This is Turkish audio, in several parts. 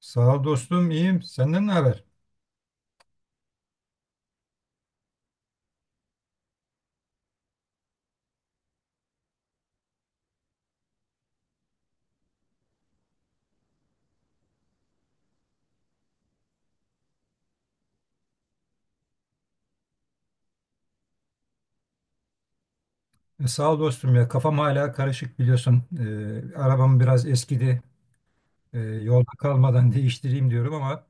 Sağ ol dostum, iyiyim. Senden ne haber? Sağ ol dostum ya. Kafam hala karışık biliyorsun. Arabam biraz eskidi. Yolda kalmadan değiştireyim diyorum ama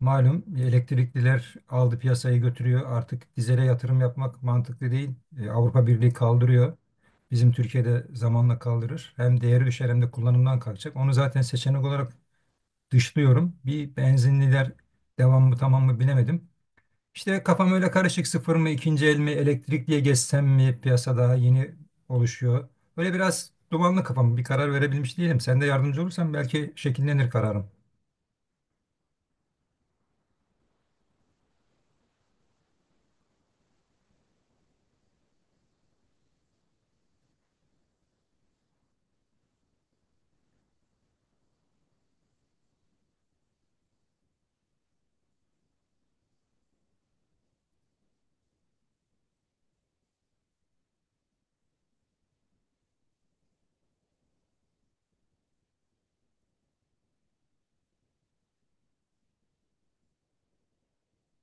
malum elektrikliler aldı piyasayı götürüyor. Artık dizele yatırım yapmak mantıklı değil. Avrupa Birliği kaldırıyor. Bizim Türkiye'de zamanla kaldırır. Hem değeri düşer hem de kullanımdan kalkacak. Onu zaten seçenek olarak dışlıyorum. Bir benzinliler devam mı tamam mı bilemedim. İşte kafam öyle karışık, sıfır mı ikinci el mi elektrikliye geçsem mi, piyasada yeni oluşuyor. Böyle biraz dumanlı kafam, bir karar verebilmiş değilim. Sen de yardımcı olursan belki şekillenir kararım.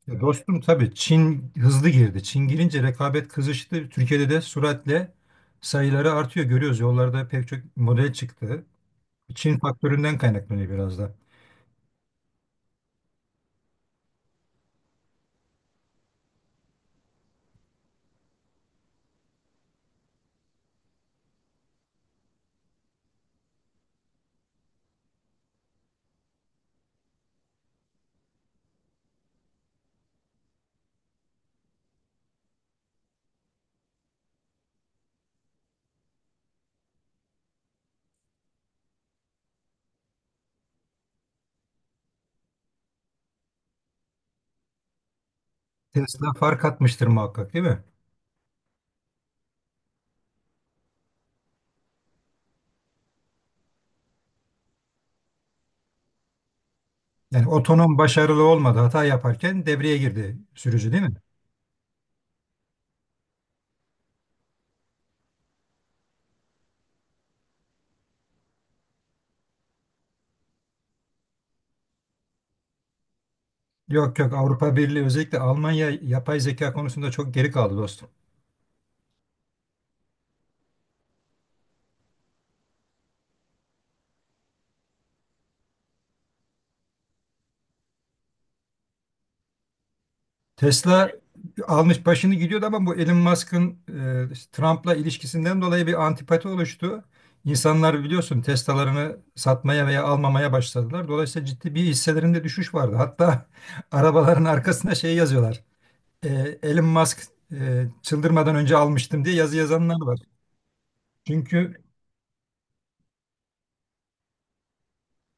Ya dostum, tabii Çin hızlı girdi. Çin girince rekabet kızıştı. Türkiye'de de süratle sayıları artıyor. Görüyoruz, yollarda pek çok model çıktı. Çin faktöründen kaynaklanıyor biraz da. Tesla fark atmıştır muhakkak, değil mi? Yani otonom başarılı olmadı. Hata yaparken devreye girdi sürücü, değil mi? Yok yok, Avrupa Birliği, özellikle Almanya yapay zeka konusunda çok geri kaldı dostum. Tesla almış başını gidiyordu ama bu Elon Musk'ın işte Trump'la ilişkisinden dolayı bir antipati oluştu. İnsanlar biliyorsun Tesla'larını satmaya veya almamaya başladılar. Dolayısıyla ciddi bir hisselerinde düşüş vardı. Hatta arabaların arkasına şey yazıyorlar. Elon Musk çıldırmadan önce almıştım diye yazı yazanlar var. Çünkü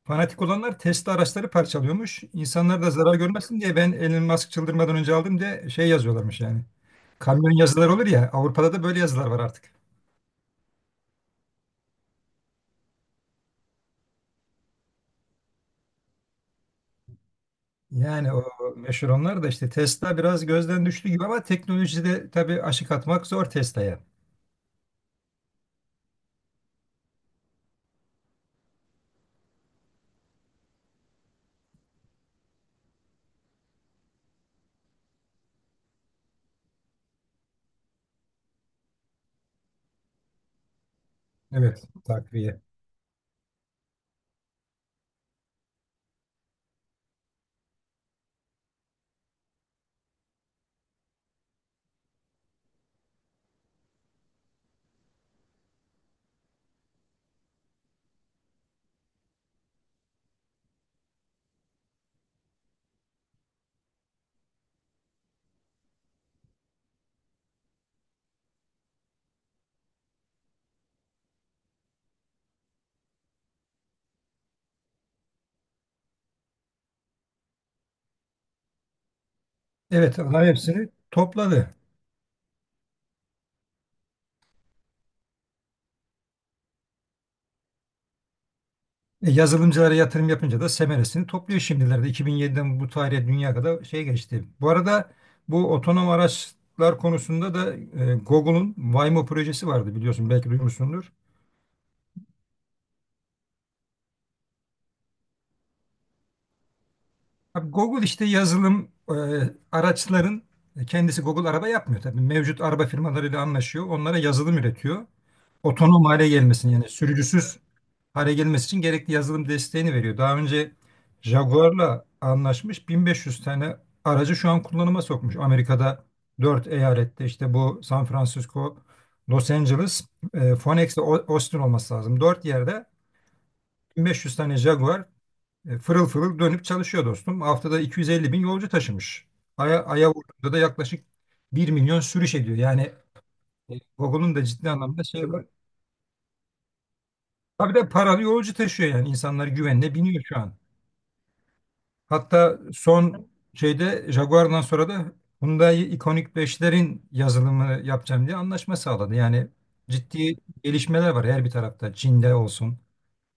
Fanatik olanlar Tesla araçları parçalıyormuş. İnsanlar da zarar görmesin diye ben Elon Musk çıldırmadan önce aldım diye şey yazıyorlarmış yani. Kamyon yazılar olur ya, Avrupa'da da böyle yazılar var artık. Yani o meşhur onlar da, işte Tesla biraz gözden düştü gibi ama teknolojide tabii aşık atmak zor Tesla'ya. Evet, takviye. Evet, adam hepsini topladı. Yazılımcılara yatırım yapınca da semeresini topluyor şimdilerde. 2007'den bu tarihe dünya kadar şey geçti. Bu arada bu otonom araçlar konusunda da Google'un Waymo projesi vardı, biliyorsun belki duymuşsundur. Abi Google işte yazılım araçların kendisi Google araba yapmıyor tabii. Mevcut araba firmalarıyla anlaşıyor. Onlara yazılım üretiyor. Otonom hale gelmesini, yani sürücüsüz hale gelmesi için gerekli yazılım desteğini veriyor. Daha önce Jaguar'la anlaşmış, 1500 tane aracı şu an kullanıma sokmuş. Amerika'da 4 eyalette, işte bu San Francisco, Los Angeles, Phoenix ve Austin olması lazım. 4 yerde 1500 tane Jaguar fırıl fırıl dönüp çalışıyor dostum. Haftada 250 bin yolcu taşımış. Aya vurduğunda da yaklaşık 1.000.000 sürüş ediyor. Yani Google'un da ciddi anlamda şey var. Tabii de paralı yolcu taşıyor yani. İnsanlar güvenle biniyor şu an. Hatta son şeyde Jaguar'dan sonra da Hyundai ikonik beşlerin yazılımını yapacağım diye anlaşma sağladı. Yani ciddi gelişmeler var her bir tarafta. Çin'de olsun,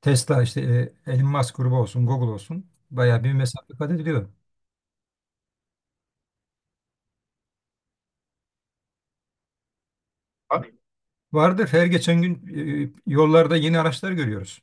Tesla işte Elon Musk grubu olsun, Google olsun. Bayağı bir mesafe kat ediliyor. Abi, vardır, her geçen gün yollarda yeni araçlar görüyoruz.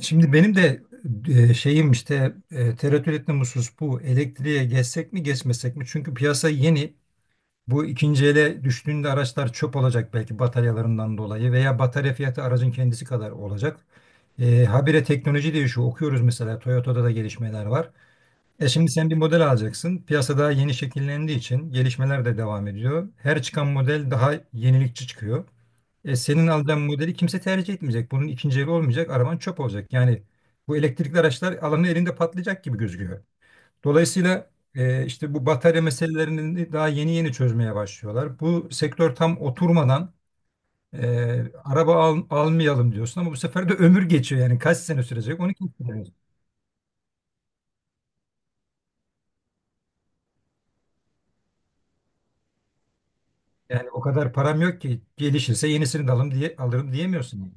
Şimdi benim de şeyim işte tereddüt ettiğim husus bu. Elektriğe geçsek mi geçmesek mi? Çünkü piyasa yeni. Bu ikinci ele düştüğünde araçlar çöp olacak belki, bataryalarından dolayı, veya batarya fiyatı aracın kendisi kadar olacak. Habire teknoloji değişiyor. Okuyoruz, mesela Toyota'da da gelişmeler var. Şimdi sen bir model alacaksın. Piyasa daha yeni şekillendiği için gelişmeler de devam ediyor. Her çıkan model daha yenilikçi çıkıyor. Senin alacağın modeli kimse tercih etmeyecek. Bunun ikinci eli olmayacak. Araban çöp olacak. Yani bu elektrikli araçlar alanın elinde patlayacak gibi gözüküyor. Dolayısıyla işte bu batarya meselelerini daha yeni yeni çözmeye başlıyorlar. Bu sektör tam oturmadan araba almayalım diyorsun ama bu sefer de ömür geçiyor. Yani kaç sene sürecek onu kim bilir. Yani o kadar param yok ki, gelişirse yenisini de alım diye, alırım diyemiyorsun. Yani.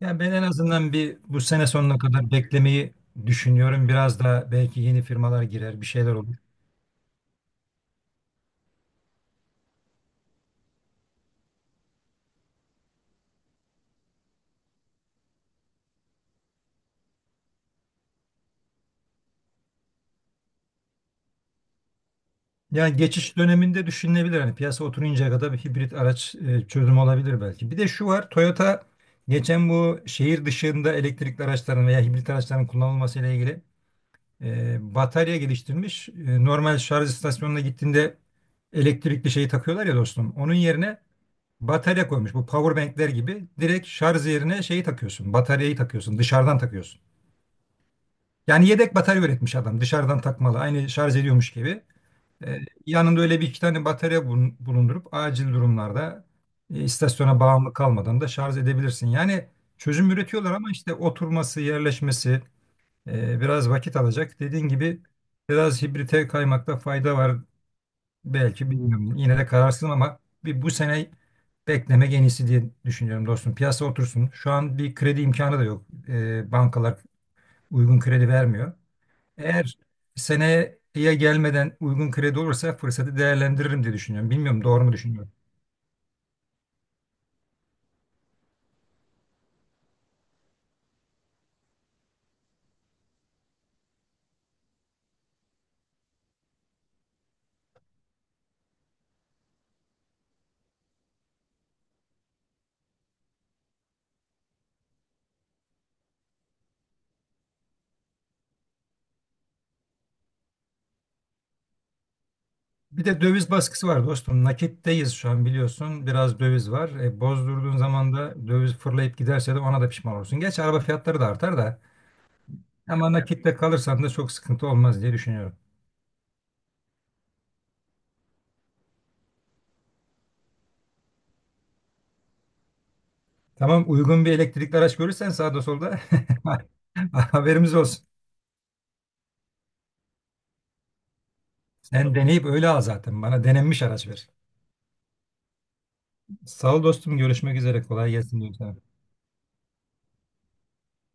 Yani ben en azından bir bu sene sonuna kadar beklemeyi düşünüyorum. Biraz da belki yeni firmalar girer, bir şeyler olur. Yani geçiş döneminde düşünülebilir. Hani piyasa oturuncaya kadar bir hibrit araç çözüm olabilir belki. Bir de şu var. Toyota geçen bu şehir dışında elektrikli araçların veya hibrit araçların kullanılması ile ilgili batarya geliştirmiş. Normal şarj istasyonuna gittiğinde elektrikli şeyi takıyorlar ya dostum. Onun yerine batarya koymuş. Bu power bankler gibi direkt şarj yerine şeyi takıyorsun. Bataryayı takıyorsun. Dışarıdan takıyorsun. Yani yedek batarya üretmiş adam. Dışarıdan takmalı. Aynı şarj ediyormuş gibi. E, Yanında öyle bir iki tane batarya bulundurup acil durumlarda istasyona bağımlı kalmadan da şarj edebilirsin. Yani çözüm üretiyorlar ama işte oturması, yerleşmesi biraz vakit alacak. Dediğin gibi biraz hibrite kaymakta fayda var belki, bilmiyorum. Yine de kararsızım ama bir bu sene beklemek en iyisi diye düşünüyorum dostum. Piyasa otursun. Şu an bir kredi imkanı da yok. Bankalar uygun kredi vermiyor. Eğer seneye gelmeden uygun kredi olursa fırsatı değerlendiririm diye düşünüyorum. Bilmiyorum, doğru mu düşünüyorum. Bir de döviz baskısı var dostum. Nakitteyiz şu an biliyorsun. Biraz döviz var. Bozdurduğun zaman da döviz fırlayıp giderse de ona da pişman olursun. Gerçi araba fiyatları da artar da. Ama nakitte kalırsan da çok sıkıntı olmaz diye düşünüyorum. Tamam, uygun bir elektrikli araç görürsen sağda solda haberimiz olsun. Sen deneyip öyle al zaten. Bana denenmiş araç ver. Sağ ol dostum. Görüşmek üzere. Kolay gelsin diyorum sana.